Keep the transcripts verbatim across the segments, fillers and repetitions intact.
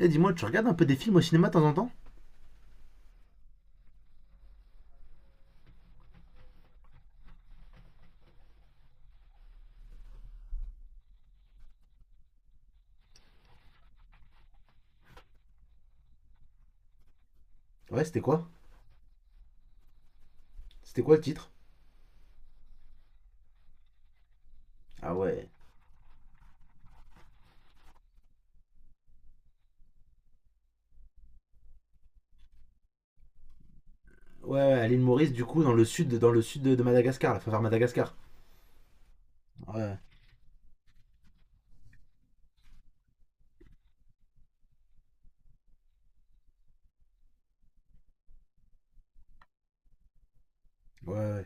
Eh, dis-moi, tu regardes un peu des films au cinéma de temps en temps? Ouais, c'était quoi? C'était quoi le titre? Ah ouais. Ouais, ouais, à l'île Maurice, du coup, dans le sud, dans le sud de, de Madagascar, la vers Madagascar. Ouais, ouais, ouais.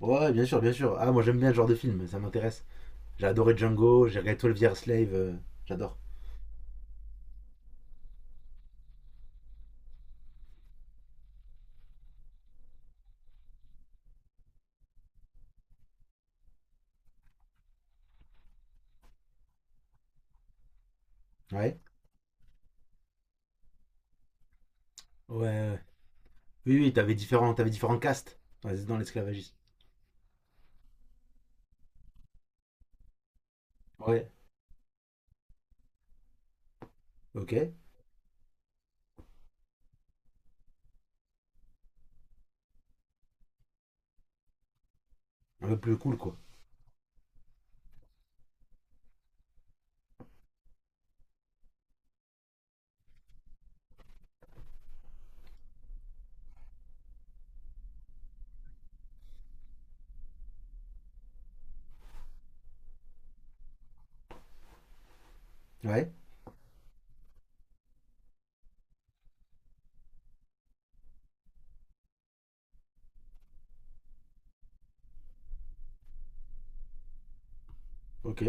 Ouais, bien sûr, bien sûr. Ah, moi j'aime bien ce genre de film, ça m'intéresse. J'ai adoré Django, j'ai regardé douze Years Slave, euh, j'adore. Ouais. Ouais, ouais. Oui, oui, t'avais différents, t'avais différents castes dans les- dans l'esclavagisme. Ouais, ok. Un peu plus cool, quoi. Ouais, ok.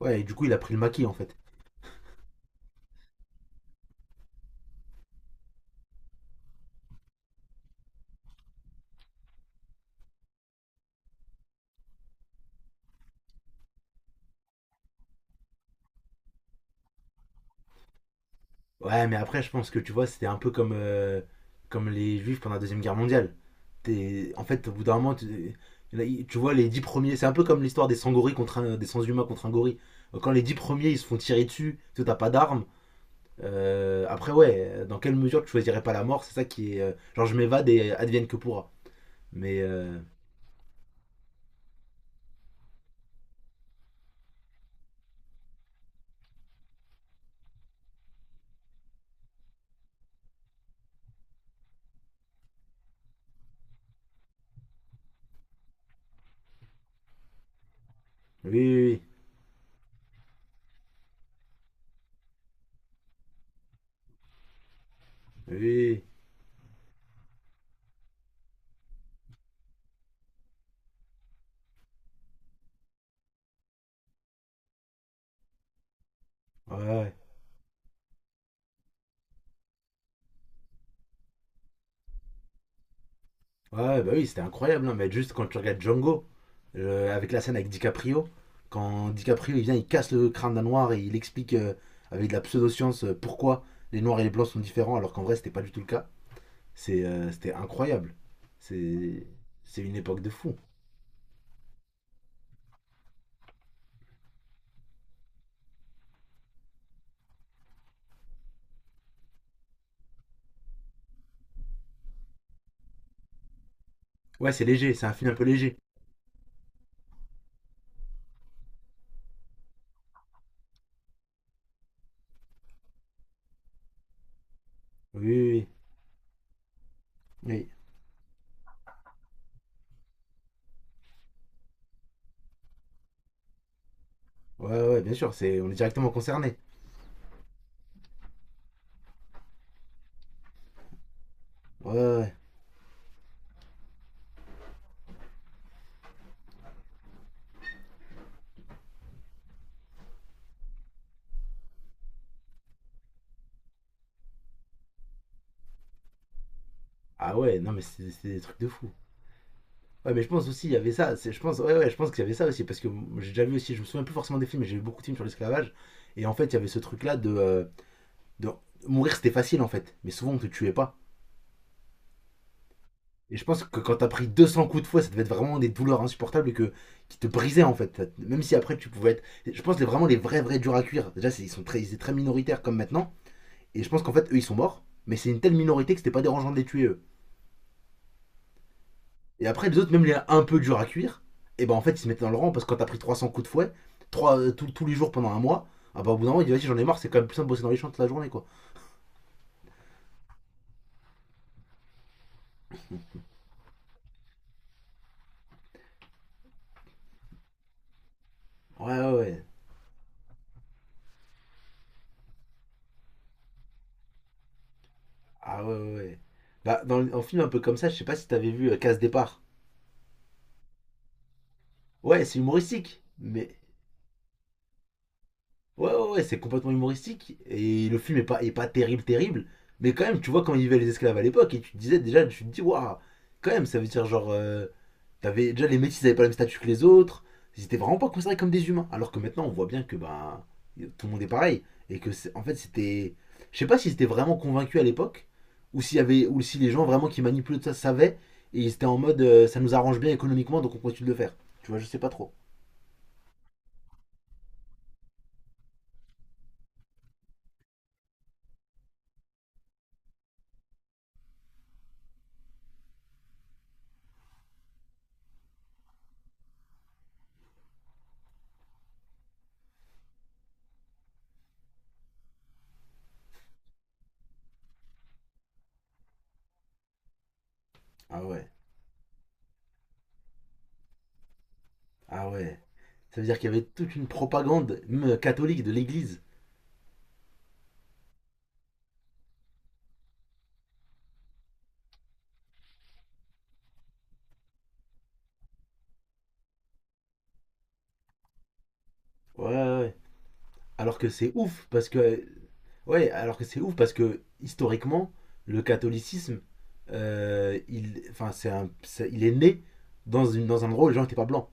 Ouais, et du coup, il a pris le maquis, en fait. Ouais, mais après, je pense que tu vois, c'était un peu comme, euh, comme les Juifs pendant la Deuxième Guerre mondiale. T'es- en fait, au bout d'un moment, tu, il y en a- tu vois, les dix premiers, c'est un peu comme l'histoire des sangoris contre un- des sans-humains contre un gorille. Quand les dix premiers, ils se font tirer dessus, toi, t'as pas d'armes. Euh, après, ouais, dans quelle mesure tu choisirais pas la mort, c'est ça qui est. Euh, genre, je m'évade et advienne que pourra. Mais, euh, oui, oui, oui, oui, ouais, ouais. Ouais, bah oui, c'était incroyable, hein, mais juste quand tu regardes Django, euh, avec la scène avec DiCaprio, quand DiCaprio il vient, il casse le crâne d'un noir et il explique euh, avec de la pseudo-science euh, pourquoi les noirs et les blancs sont différents, alors qu'en vrai c'était pas du tout le cas. C'est, euh, c'était incroyable. C'est, c'est une époque de fou. Ouais, c'est léger, c'est un film un peu léger. Oui, oui, oui. Oui. Ouais, ouais, bien sûr, c'est, on est directement concerné. Ouais, ouais, ouais. Ah ouais, non mais c'est, c'est des trucs de fou. Ouais, mais je pense aussi, il y avait ça. C'est, je pense, ouais, ouais, je pense qu'il y avait ça aussi. Parce que j'ai déjà vu aussi, je me souviens plus forcément des films, mais j'ai vu beaucoup de films sur l'esclavage. Et en fait, il y avait ce truc-là de, euh, de. Mourir, c'était facile en fait. Mais souvent, on te tuait pas. Et je pense que quand t'as pris deux cents coups de fouet, ça devait être vraiment des douleurs insupportables et que, qui te brisaient en fait. Même si après tu pouvais être. Je pense que vraiment les vrais, vrais durs à cuire. Déjà, c'est- ils sont très, ils étaient très minoritaires comme maintenant. Et je pense qu'en fait, eux, ils sont morts. Mais c'est une telle minorité que c'était pas dérangeant de les tuer eux. Et après, les autres, même les un peu durs à cuire, et ben en fait, ils se mettaient dans le rang parce que quand t'as pris trois cents coups de fouet, trois euh, tous- tous les jours pendant un mois, ah bah au bout d'un moment, il dit vas-y, j'en ai marre, c'est quand même plus simple de bosser dans les champs toute la journée, quoi. Ouais, ouais, ouais. Ah ouais, ouais, ouais. Bah, dans un film un peu comme ça, je sais pas si t'avais vu euh, Casse Départ. Ouais, c'est humoristique, mais. Ouais, ouais, ouais, c'est complètement humoristique. Et le film est pas, est pas terrible, terrible. Mais quand même, tu vois quand ils vivaient les esclaves à l'époque, et tu te disais déjà, tu te dis, waouh, quand même, ça veut dire genre. euh, T'avais déjà les métis, ils avaient pas le même statut que les autres. Ils étaient vraiment pas considérés comme des humains. Alors que maintenant, on voit bien que bah tout le monde est pareil et que en fait c'était, je sais pas si c'était vraiment convaincu à l'époque ou s'il y avait ou si les gens vraiment qui manipulaient tout ça savaient et ils étaient en mode euh, ça nous arrange bien économiquement donc on continue de le faire. Tu vois, je sais pas trop. Ah ouais, ah ouais. Ça veut dire qu'il y avait toute une propagande même euh, catholique de l'Église. Ouais, ouais, ouais. Alors que c'est ouf parce que ouais, alors que c'est ouf parce que historiquement, le catholicisme, euh, il, enfin, c'est un- c'est- il est né dans, une, dans un endroit où les gens n'étaient pas blancs,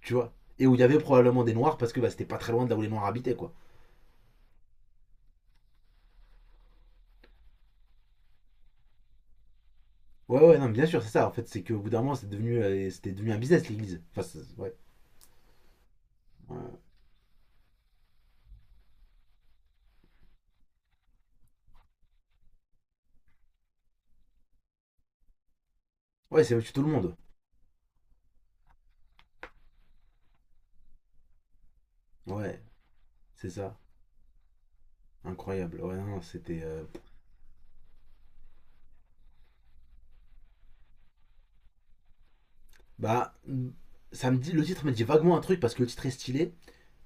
tu vois. Et où il y avait probablement des noirs parce que bah, c'était pas très loin de là où les noirs habitaient, quoi. Ouais, ouais, non, mais bien sûr, c'est ça. En fait, c'est qu'au bout d'un moment, c'est devenu, euh, c'était devenu un business, l'église. Enfin, c'est- ouais. Ouais, ouais, c'est au-dessus de tout le monde. Ouais, c'est ça. Incroyable. Ouais, non, non, c'était. euh, Bah, ça me dit, le titre me dit vaguement un truc parce que le titre est stylé.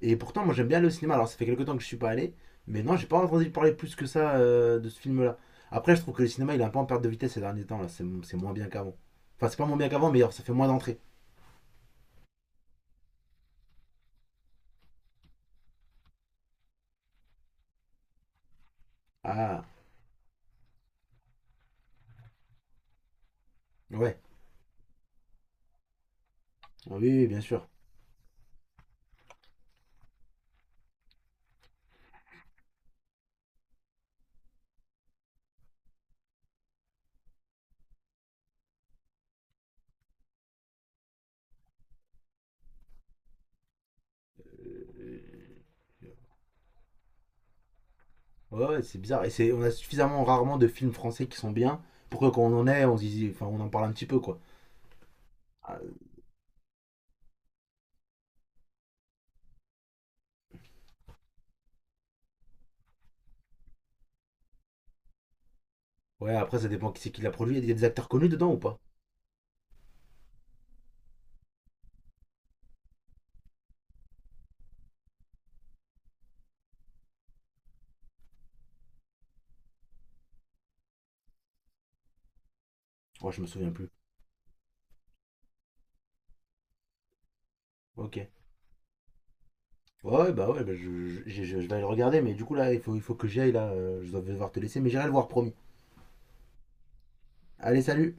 Et pourtant, moi j'aime bien aller au cinéma. Alors ça fait quelques temps que je suis pas allé, mais non, j'ai pas entendu parler plus que ça euh, de ce film-là. Après, je trouve que le cinéma il est un peu en perte de vitesse ces derniers temps là. C'est c'est moins bien qu'avant. Enfin, c'est pas moins bien qu'avant, mais alors, ça fait moins d'entrées. Ah, ouais. Oui, oui, bien sûr. Ouais, ouais, c'est bizarre. Et c'est, on a suffisamment rarement de films français qui sont bien pour que quand on en est, on se dise, enfin, on en parle un petit peu quoi. Ah, ouais, après ça dépend qui c'est qui l'a produit. Il y a des acteurs connus dedans ou pas? Oh, je me souviens plus. Ok. Ouais, bah ouais, bah, je, je- je- je vais aller le regarder, mais du coup là, il faut, il faut que j'y aille là. euh, Je dois devoir te laisser, mais j'irai le voir promis. Allez, salut.